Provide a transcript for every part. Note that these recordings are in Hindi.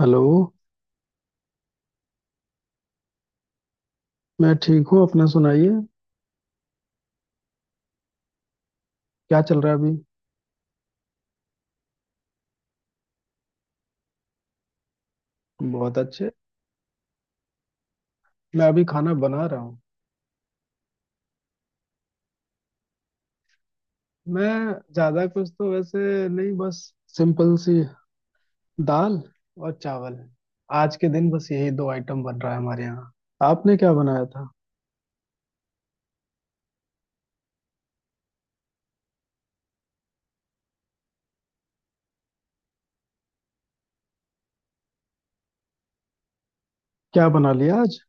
हेलो। मैं ठीक हूँ, अपना सुनाइए। क्या चल रहा है अभी? बहुत अच्छे। मैं अभी खाना बना रहा हूँ। मैं ज्यादा कुछ तो वैसे नहीं, बस सिंपल सी दाल और चावल। आज के दिन बस यही दो आइटम बन रहा है हमारे यहाँ। आपने क्या बनाया था? क्या बना लिया आज?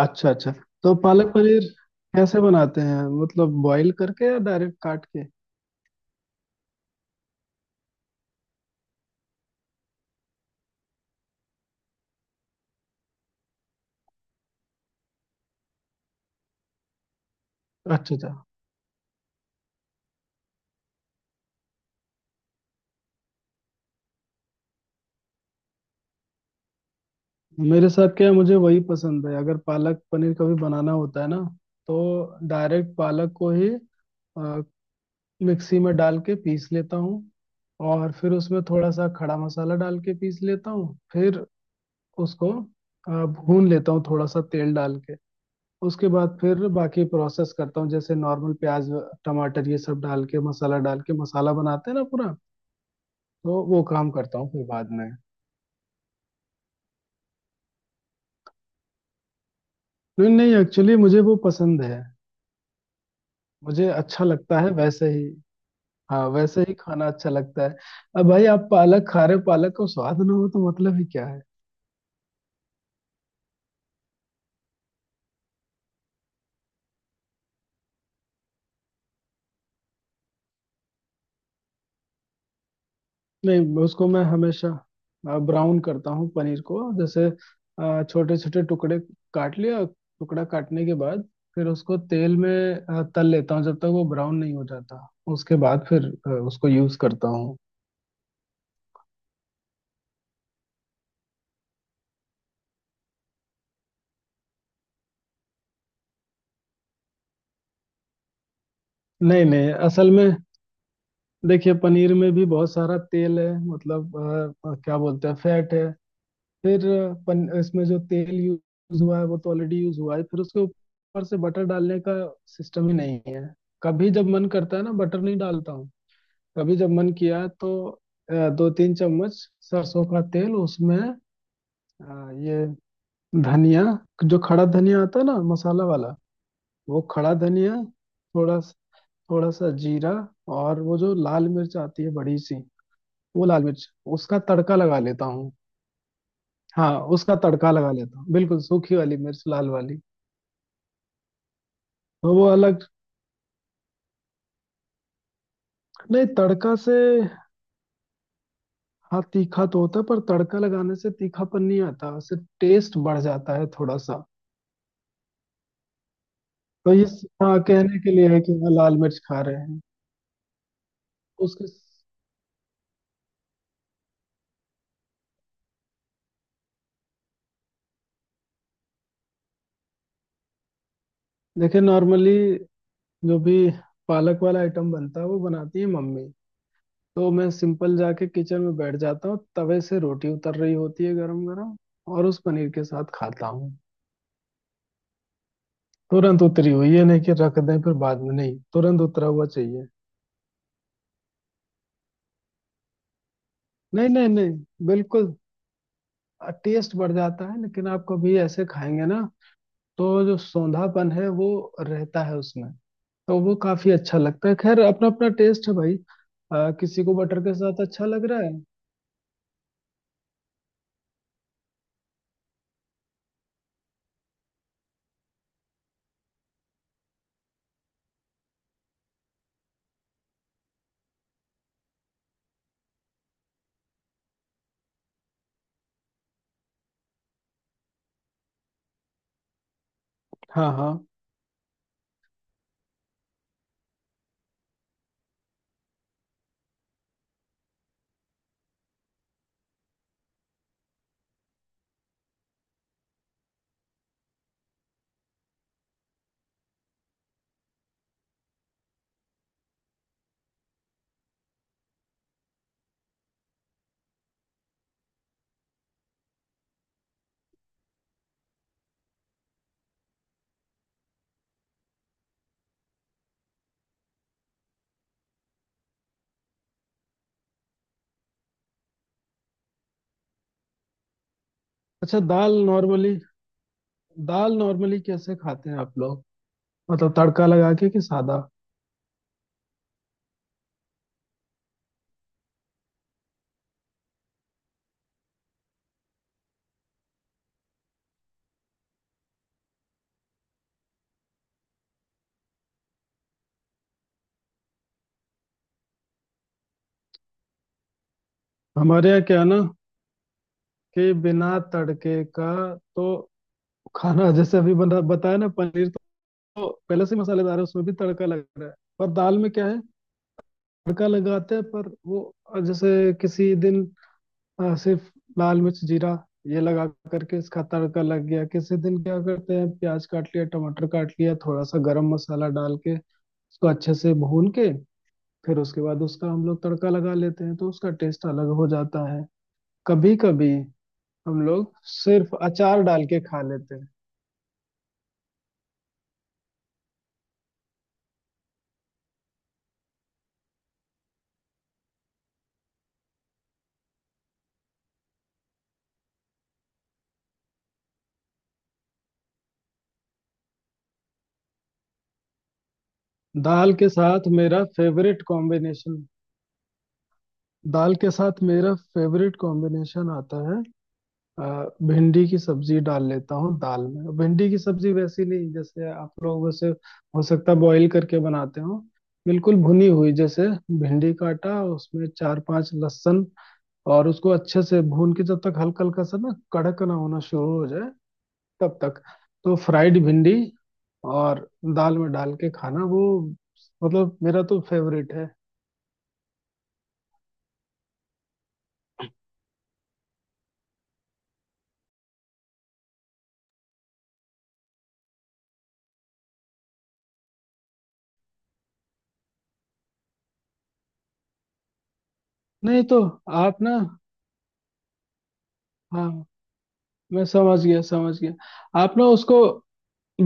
अच्छा अच्छा। तो पालक पनीर कैसे बनाते हैं, मतलब बॉईल करके या डायरेक्ट काट के? अच्छा अच्छा। मेरे साथ क्या है, मुझे वही पसंद है। अगर पालक पनीर कभी बनाना होता है ना, तो डायरेक्ट पालक को ही अ, मिक्सी में डाल के पीस लेता हूँ। और फिर उसमें थोड़ा सा खड़ा मसाला डाल के पीस लेता हूँ। फिर उसको भून लेता हूँ थोड़ा सा तेल डाल के। उसके बाद फिर बाकी प्रोसेस करता हूँ, जैसे नॉर्मल प्याज टमाटर ये सब डाल के मसाला बनाते हैं ना पूरा। तो वो काम करता हूँ फिर बाद में। नहीं नहीं, एक्चुअली मुझे वो पसंद है। मुझे अच्छा लगता है वैसे ही। हाँ वैसे ही खाना अच्छा लगता है। अब भाई आप पालक खा रहे हो, पालक को स्वाद ना हो तो मतलब ही क्या। नहीं, उसको मैं हमेशा ब्राउन करता हूँ। पनीर को जैसे छोटे छोटे टुकड़े काट लिया, टुकड़ा काटने के बाद फिर उसको तेल में तल लेता हूँ जब तक वो ब्राउन नहीं हो जाता। उसके बाद फिर उसको यूज करता हूँ। नहीं नहीं, असल में देखिए पनीर में भी बहुत सारा तेल है, मतलब क्या बोलते हैं, फैट है। फिर इसमें जो तेल यूज हुआ है वो तो ऑलरेडी यूज हुआ है, फिर उसके ऊपर से बटर डालने का सिस्टम ही नहीं है। कभी जब मन करता है ना बटर नहीं डालता हूँ। कभी जब मन किया तो 2-3 चम्मच सरसों का तेल उसमें, ये धनिया, जो खड़ा धनिया आता है ना, मसाला वाला, वो खड़ा धनिया, थोड़ा स- थोड़ा सा जीरा, और वो जो लाल मिर्च आती है बड़ी सी, वो लाल मिर्च, उसका तड़का लगा लेता हूँ। हाँ उसका तड़का लगा लेता हूँ, बिल्कुल सूखी वाली मिर्च, लाल वाली। तो वो अलग, नहीं तड़का से, हाँ तीखा तो होता है पर तड़का लगाने से तीखापन नहीं आता, सिर्फ टेस्ट बढ़ जाता है थोड़ा सा। तो ये सिर्फ हाँ कहने के लिए है कि हाँ लाल मिर्च खा रहे हैं। उसके, देखिए नॉर्मली जो भी पालक वाला आइटम बनता है वो बनाती है मम्मी। तो मैं सिंपल जाके किचन में बैठ जाता हूँ, तवे से रोटी उतर रही होती है गरम गरम और उस पनीर के साथ खाता हूँ। तुरंत उतरी हुई, ये नहीं कि रख दें फिर बाद में, नहीं तुरंत उतरा हुआ चाहिए। नहीं नहीं नहीं, बिल्कुल टेस्ट बढ़ जाता है, लेकिन आप कभी ऐसे खाएंगे ना तो जो सौंधापन है वो रहता है उसमें। तो वो काफी अच्छा लगता है। खैर अपना अपना टेस्ट है भाई, किसी को बटर के साथ अच्छा लग रहा है। हाँ हाँ। अच्छा दाल नॉर्मली कैसे खाते हैं आप लोग, मतलब तड़का लगा के कि सादा? हमारे यहाँ क्या है ना कि बिना तड़के का तो खाना जैसे अभी बना बताया ना पनीर, तो पहले से मसालेदार है उसमें भी तड़का लग रहा है। पर दाल में क्या है, तड़का लगाते हैं पर वो जैसे किसी दिन सिर्फ लाल मिर्च जीरा ये लगा करके इसका तड़का लग गया। किसी दिन क्या करते हैं, प्याज काट लिया टमाटर काट लिया थोड़ा सा गरम मसाला डाल के उसको अच्छे से भून के, फिर उसके बाद उसका हम लोग तड़का लगा लेते हैं, तो उसका टेस्ट अलग हो जाता है कभी कभी। हम लोग सिर्फ अचार डाल के खा लेते हैं। दाल के साथ मेरा फेवरेट कॉम्बिनेशन दाल के साथ मेरा फेवरेट कॉम्बिनेशन आता है, भिंडी की सब्जी डाल लेता हूँ दाल में। भिंडी की सब्जी वैसी नहीं जैसे आप लोग वैसे हो सकता है बॉईल करके बनाते हो, बिल्कुल भुनी हुई जैसे। भिंडी काटा, उसमें चार पांच लहसुन और उसको अच्छे से भून के जब तक हल्का हल्का सा ना कड़क ना होना शुरू हो जाए तब तक। तो फ्राइड भिंडी और दाल में डाल के खाना, वो मतलब मेरा तो फेवरेट है। नहीं तो आप ना, हाँ मैं समझ गया समझ गया, आप ना उसको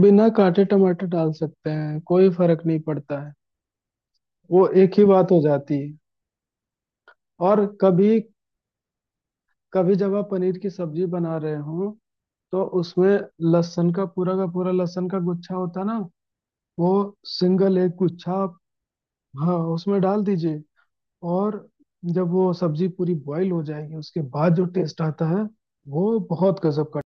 बिना काटे टमाटर डाल सकते हैं, कोई फर्क नहीं पड़ता है, वो एक ही बात हो जाती है। और कभी कभी जब आप पनीर की सब्जी बना रहे हो तो उसमें लहसुन का पूरा लहसुन का गुच्छा होता है ना, वो सिंगल एक गुच्छा, आप, हाँ उसमें डाल दीजिए। और जब वो सब्जी पूरी बॉईल हो जाएगी उसके बाद जो टेस्ट आता है वो बहुत गजब का,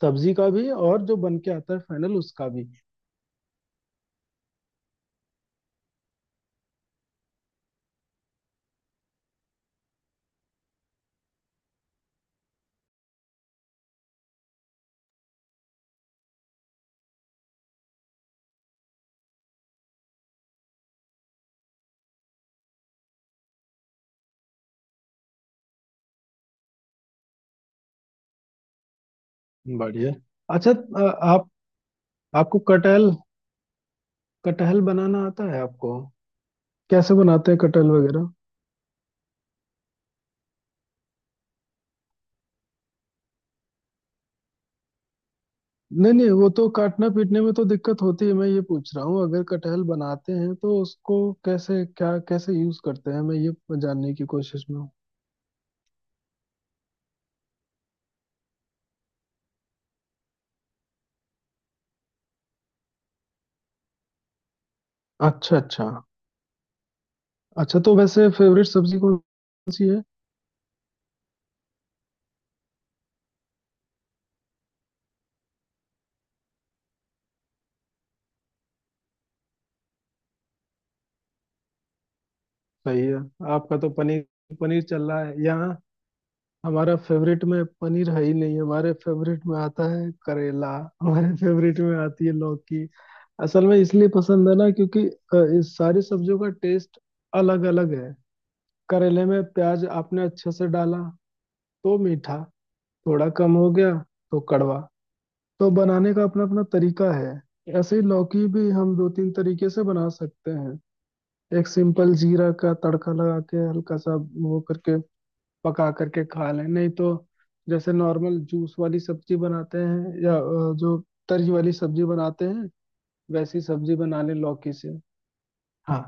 सब्जी का भी और जो बन के आता है फाइनल उसका भी। बढ़िया। अच्छा, आप, आपको कटहल, कटहल बनाना आता है आपको? कैसे बनाते हैं कटहल वगैरह? नहीं नहीं वो तो काटना पीटने में तो दिक्कत होती है, मैं ये पूछ रहा हूँ अगर कटहल बनाते हैं तो उसको कैसे, क्या कैसे यूज करते हैं, मैं ये जानने की कोशिश में हूँ। अच्छा अच्छा। अच्छा तो वैसे फेवरेट सब्जी कौन सी है? सही है। आपका तो पनीर, पनीर चल रहा है यहाँ। हमारा फेवरेट में पनीर है ही नहीं, हमारे फेवरेट में आता है करेला, हमारे फेवरेट में आती है लौकी। असल में इसलिए पसंद है ना क्योंकि इस सारी सब्जियों का टेस्ट अलग अलग है। करेले में प्याज आपने अच्छे से डाला तो मीठा थोड़ा कम हो गया, तो कड़वा, तो बनाने का अपना अपना तरीका है। ऐसे ही लौकी भी हम दो तीन तरीके से बना सकते हैं। एक सिंपल जीरा का तड़का लगा के हल्का सा वो करके पका करके खा लें, नहीं तो जैसे नॉर्मल जूस वाली सब्जी बनाते हैं या जो तरी वाली सब्जी बनाते हैं, वैसी सब्जी बना लें लौकी से। हाँ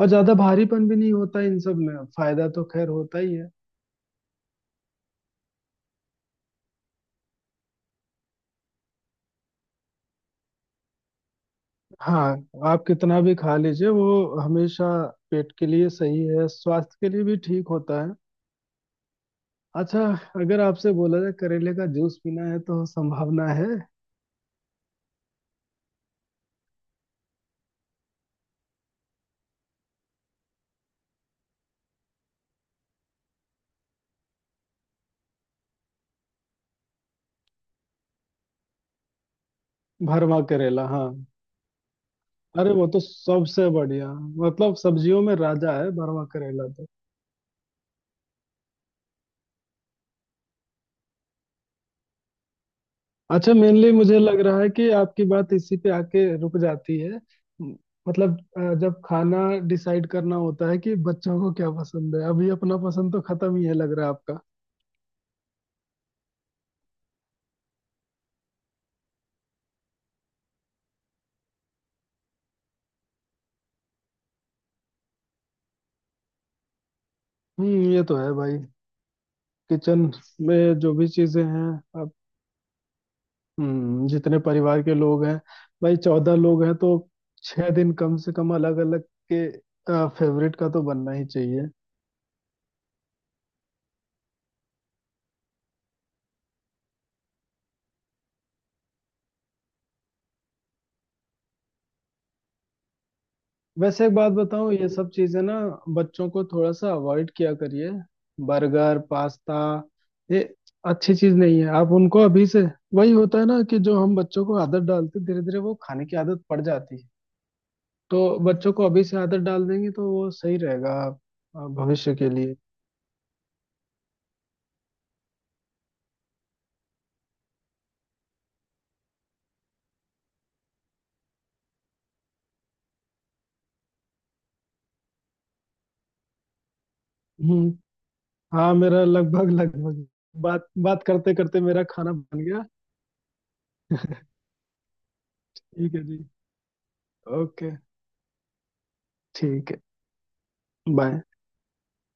और ज्यादा भारीपन भी नहीं होता इन सब में, फायदा तो खैर होता ही है। हाँ आप कितना भी खा लीजिए वो हमेशा पेट के लिए सही है, स्वास्थ्य के लिए भी ठीक होता है। अच्छा अगर आपसे बोला जाए करेले का जूस पीना है तो संभावना है। भरवा करेला, हाँ अरे वो तो सबसे बढ़िया, मतलब सब्जियों में राजा है भरवा करेला तो। अच्छा मेनली मुझे लग रहा है कि आपकी बात इसी पे आके रुक जाती है। म- मतलब जब खाना डिसाइड करना होता है कि बच्चों को क्या पसंद है, अभी अपना पसंद तो खत्म ही है लग रहा है आपका। ये तो है भाई। किचन में जो भी चीजें हैं, अब जितने परिवार के लोग हैं भाई, 14 लोग हैं, तो 6 दिन कम से कम अलग अलग के फेवरेट का तो बनना ही चाहिए। वैसे एक बात बताऊं, ये सब चीजें ना बच्चों को थोड़ा सा अवॉइड किया करिए। बर्गर पास्ता ये अच्छी चीज नहीं है। आप उनको अभी से, वही होता है ना कि जो हम बच्चों को आदत डालते धीरे धीरे वो खाने की आदत पड़ जाती है, तो बच्चों को अभी से आदत डाल देंगे तो वो सही रहेगा भविष्य के लिए। हम्म हाँ मेरा लगभग लगभग बात बात करते करते मेरा खाना बन गया। ठीक है जी। ओके। ठीक है बाय।